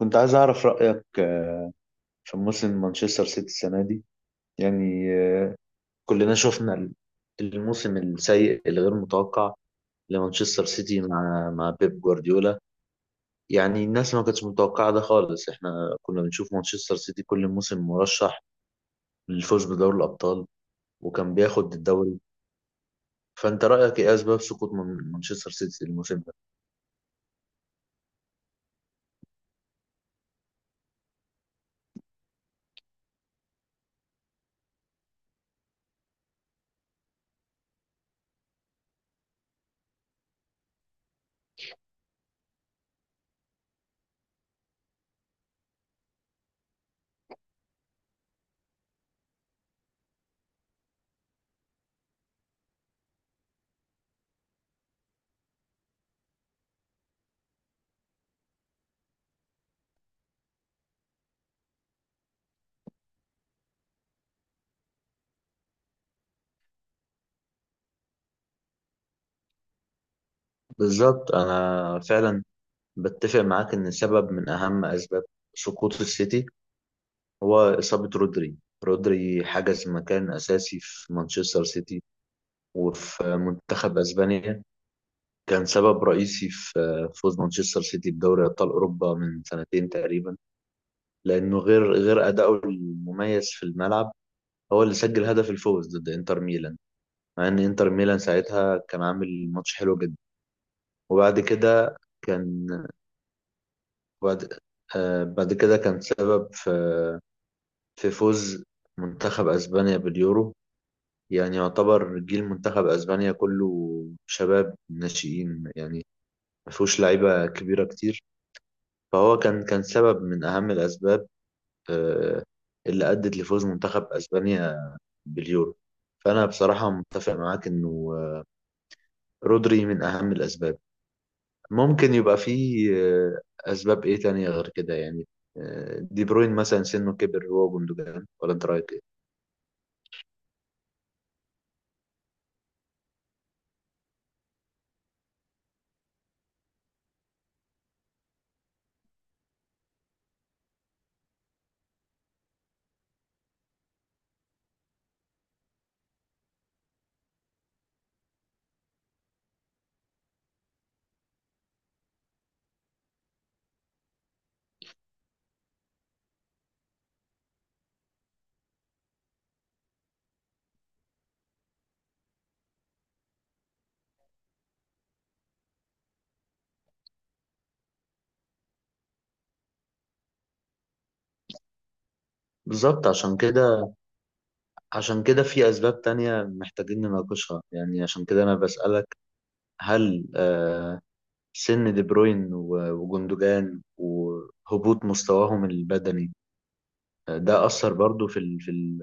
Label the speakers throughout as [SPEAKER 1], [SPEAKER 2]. [SPEAKER 1] كنت عايز أعرف رأيك في موسم مانشستر سيتي السنة دي. يعني آه، كلنا شفنا الموسم السيء الغير متوقع لمانشستر سيتي مع بيب جوارديولا. يعني الناس ما كانتش متوقعة ده خالص، احنا كنا بنشوف مانشستر سيتي كل موسم مرشح للفوز بدوري الأبطال وكان بياخد الدوري. فأنت رأيك إيه أسباب سقوط مانشستر سيتي الموسم ده؟ بالظبط، أنا فعلا بتفق معاك إن سبب من أهم أسباب سقوط السيتي هو إصابة رودري. رودري حجز مكان أساسي في مانشستر سيتي وفي منتخب أسبانيا، كان سبب رئيسي في فوز مانشستر سيتي بدوري أبطال أوروبا من 2 سنتين تقريبا، لأنه غير أداؤه المميز في الملعب هو اللي سجل هدف الفوز ضد إنتر ميلان، مع إن إنتر ميلان ساعتها كان عامل ماتش حلو جدا. وبعد كده كان، بعد، بعد كده كان سبب في في فوز منتخب أسبانيا باليورو. يعني يعتبر جيل منتخب اسبانيا كله شباب ناشئين، يعني ما فيهوش لعيبه كبيره كتير. فهو كان سبب من اهم الاسباب آه، اللي ادت لفوز منتخب اسبانيا باليورو. فانا بصراحه متفق معاك انه رودري من اهم الاسباب. ممكن يبقى فيه اسباب ايه تانية غير كده يعني؟ دي بروين مثلا سنه كبر، هو جندوجان، ولا انت رايك ايه؟ بالظبط. عشان كده، عشان كده في أسباب تانية محتاجين نناقشها. يعني عشان كده أنا بسألك، هل سن دي بروين وجندوجان وهبوط مستواهم البدني، ده أثر برضو في ال في ال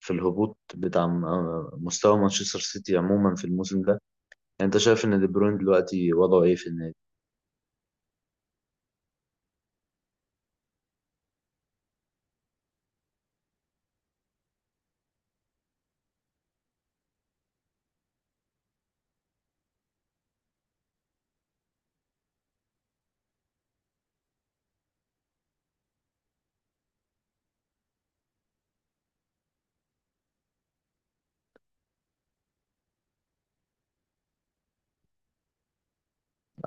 [SPEAKER 1] في الهبوط بتاع مستوى مانشستر سيتي عموما في الموسم ده؟ يعني أنت شايف إن دي بروين دلوقتي وضعه إيه في النادي؟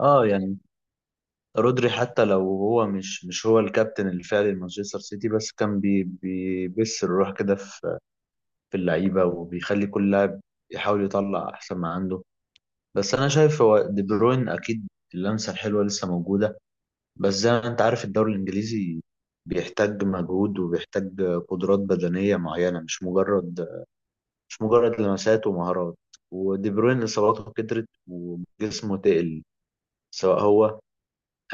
[SPEAKER 1] آه يعني رودري حتى لو هو مش هو الكابتن الفعلي لمانشستر سيتي، بس كان بيبث الروح كده في في اللعيبة وبيخلي كل لاعب يحاول يطلع أحسن ما عنده. بس أنا شايف هو دي بروين أكيد اللمسة الحلوة لسه موجودة، بس زي ما أنت عارف الدوري الإنجليزي بيحتاج مجهود وبيحتاج قدرات بدنية معينة، مش مجرد، مش مجرد لمسات ومهارات. ودي بروين إصاباته كترت وجسمه تقل، سواء هو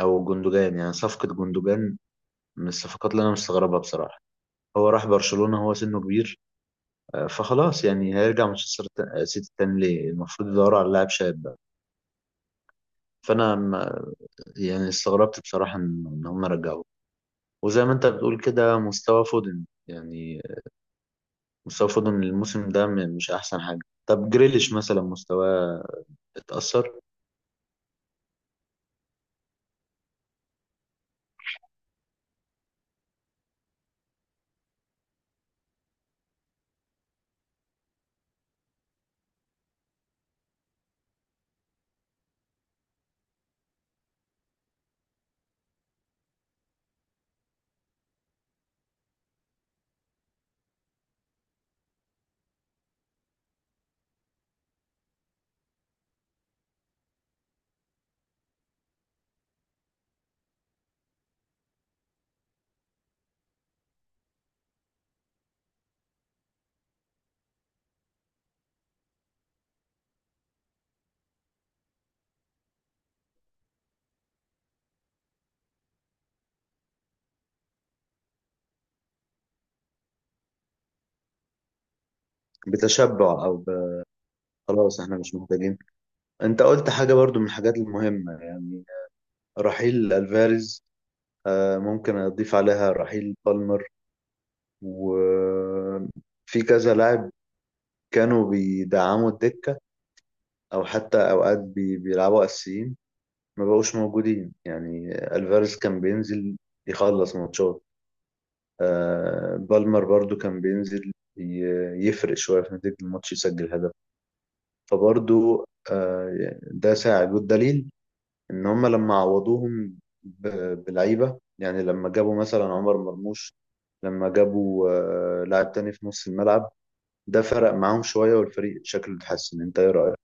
[SPEAKER 1] أو جندوجان. يعني صفقة جندوجان من الصفقات اللي أنا مستغربها بصراحة. هو راح برشلونة، هو سنه كبير، فخلاص يعني هيرجع مانشستر سيتي تاني ليه؟ المفروض يدوروا على لاعب شاب بقى. فانا ما يعني استغربت بصراحه ان إن هم رجعوه. وزي ما انت بتقول كده مستوى فودن يعني، مستوى فودن الموسم ده مش احسن حاجه. طب جريليش مثلا مستواه اتأثر، بتشبع او ب... خلاص احنا مش محتاجين. انت قلت حاجه برضو من الحاجات المهمه، يعني رحيل الفاريز، ممكن اضيف عليها رحيل بالمر، وفي كذا لاعب كانوا بيدعموا الدكة أو حتى أوقات بيلعبوا أساسيين، ما بقوش موجودين. يعني ألفاريز كان بينزل يخلص ماتشات، آه بالمر برضو كان بينزل يفرق شوية في نتيجة الماتش يسجل هدف. فبرضو آه يعني ده ساعد، والدليل إن هما لما عوضوهم بلعيبة، يعني لما جابوا مثلا عمر مرموش، لما جابوا آه لاعب تاني في نص الملعب، ده فرق معاهم شوية والفريق شكله اتحسن. انت ايه رأيك؟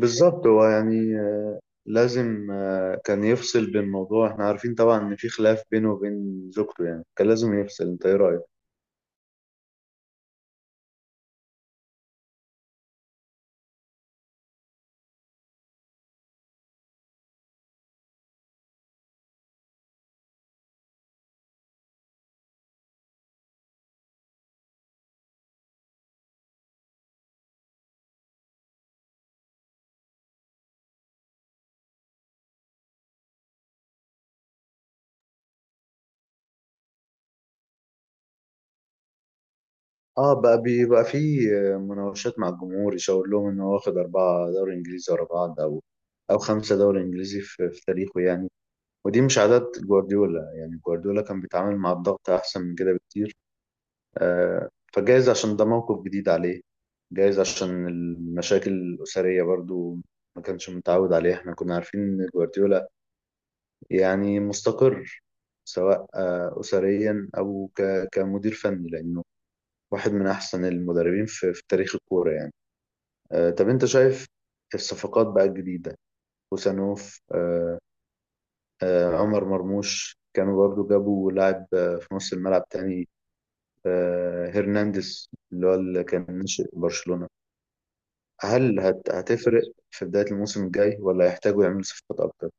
[SPEAKER 1] بالظبط، هو يعني لازم، كان يفصل بين موضوع احنا عارفين طبعا ان في خلاف بينه وبين زوجته، يعني كان لازم يفصل. انت ايه رأيك؟ اه بقى بيبقى في مناوشات مع الجمهور يشاور لهم ان هو واخد 4 دوري انجليزي ورا بعض، او او 5 دوري انجليزي في، في تاريخه يعني. ودي مش عادات جوارديولا، يعني جوارديولا كان بيتعامل مع الضغط احسن من كده بكتير. فجايز عشان ده موقف جديد عليه، جايز عشان المشاكل الأسرية برضو ما كانش متعود عليها. احنا كنا عارفين ان جوارديولا يعني مستقر، سواء أسريا أو كمدير فني، لأنه واحد من أحسن المدربين في، في تاريخ الكورة يعني. طب أنت شايف الصفقات بقى الجديدة، خوسانوف، عمر مرموش، كانوا برضو جابوا لاعب في نص الملعب تاني، هرنانديز اللي هو اللي كان ناشئ برشلونة. هل هتفرق في بداية الموسم الجاي ولا هيحتاجوا يعملوا صفقات أكتر؟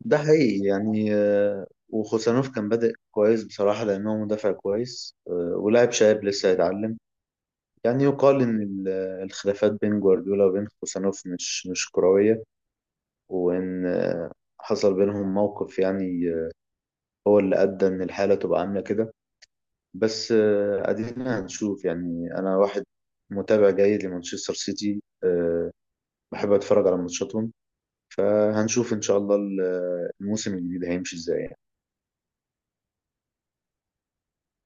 [SPEAKER 1] ده حقيقي، يعني وخوسانوف كان بادئ كويس بصراحة لأنه مدافع كويس، ولاعب شاب لسه هيتعلم. يعني يقال إن الخلافات بين جوارديولا وبين خوسانوف مش كروية، وإن حصل بينهم موقف يعني، هو اللي أدى إن الحالة تبقى عاملة كده. بس أدينا هنشوف. يعني أنا واحد متابع جيد لمانشستر سيتي، بحب أتفرج على ماتشاتهم، فهنشوف إن شاء الله الموسم الجديد هيمشي إزاي.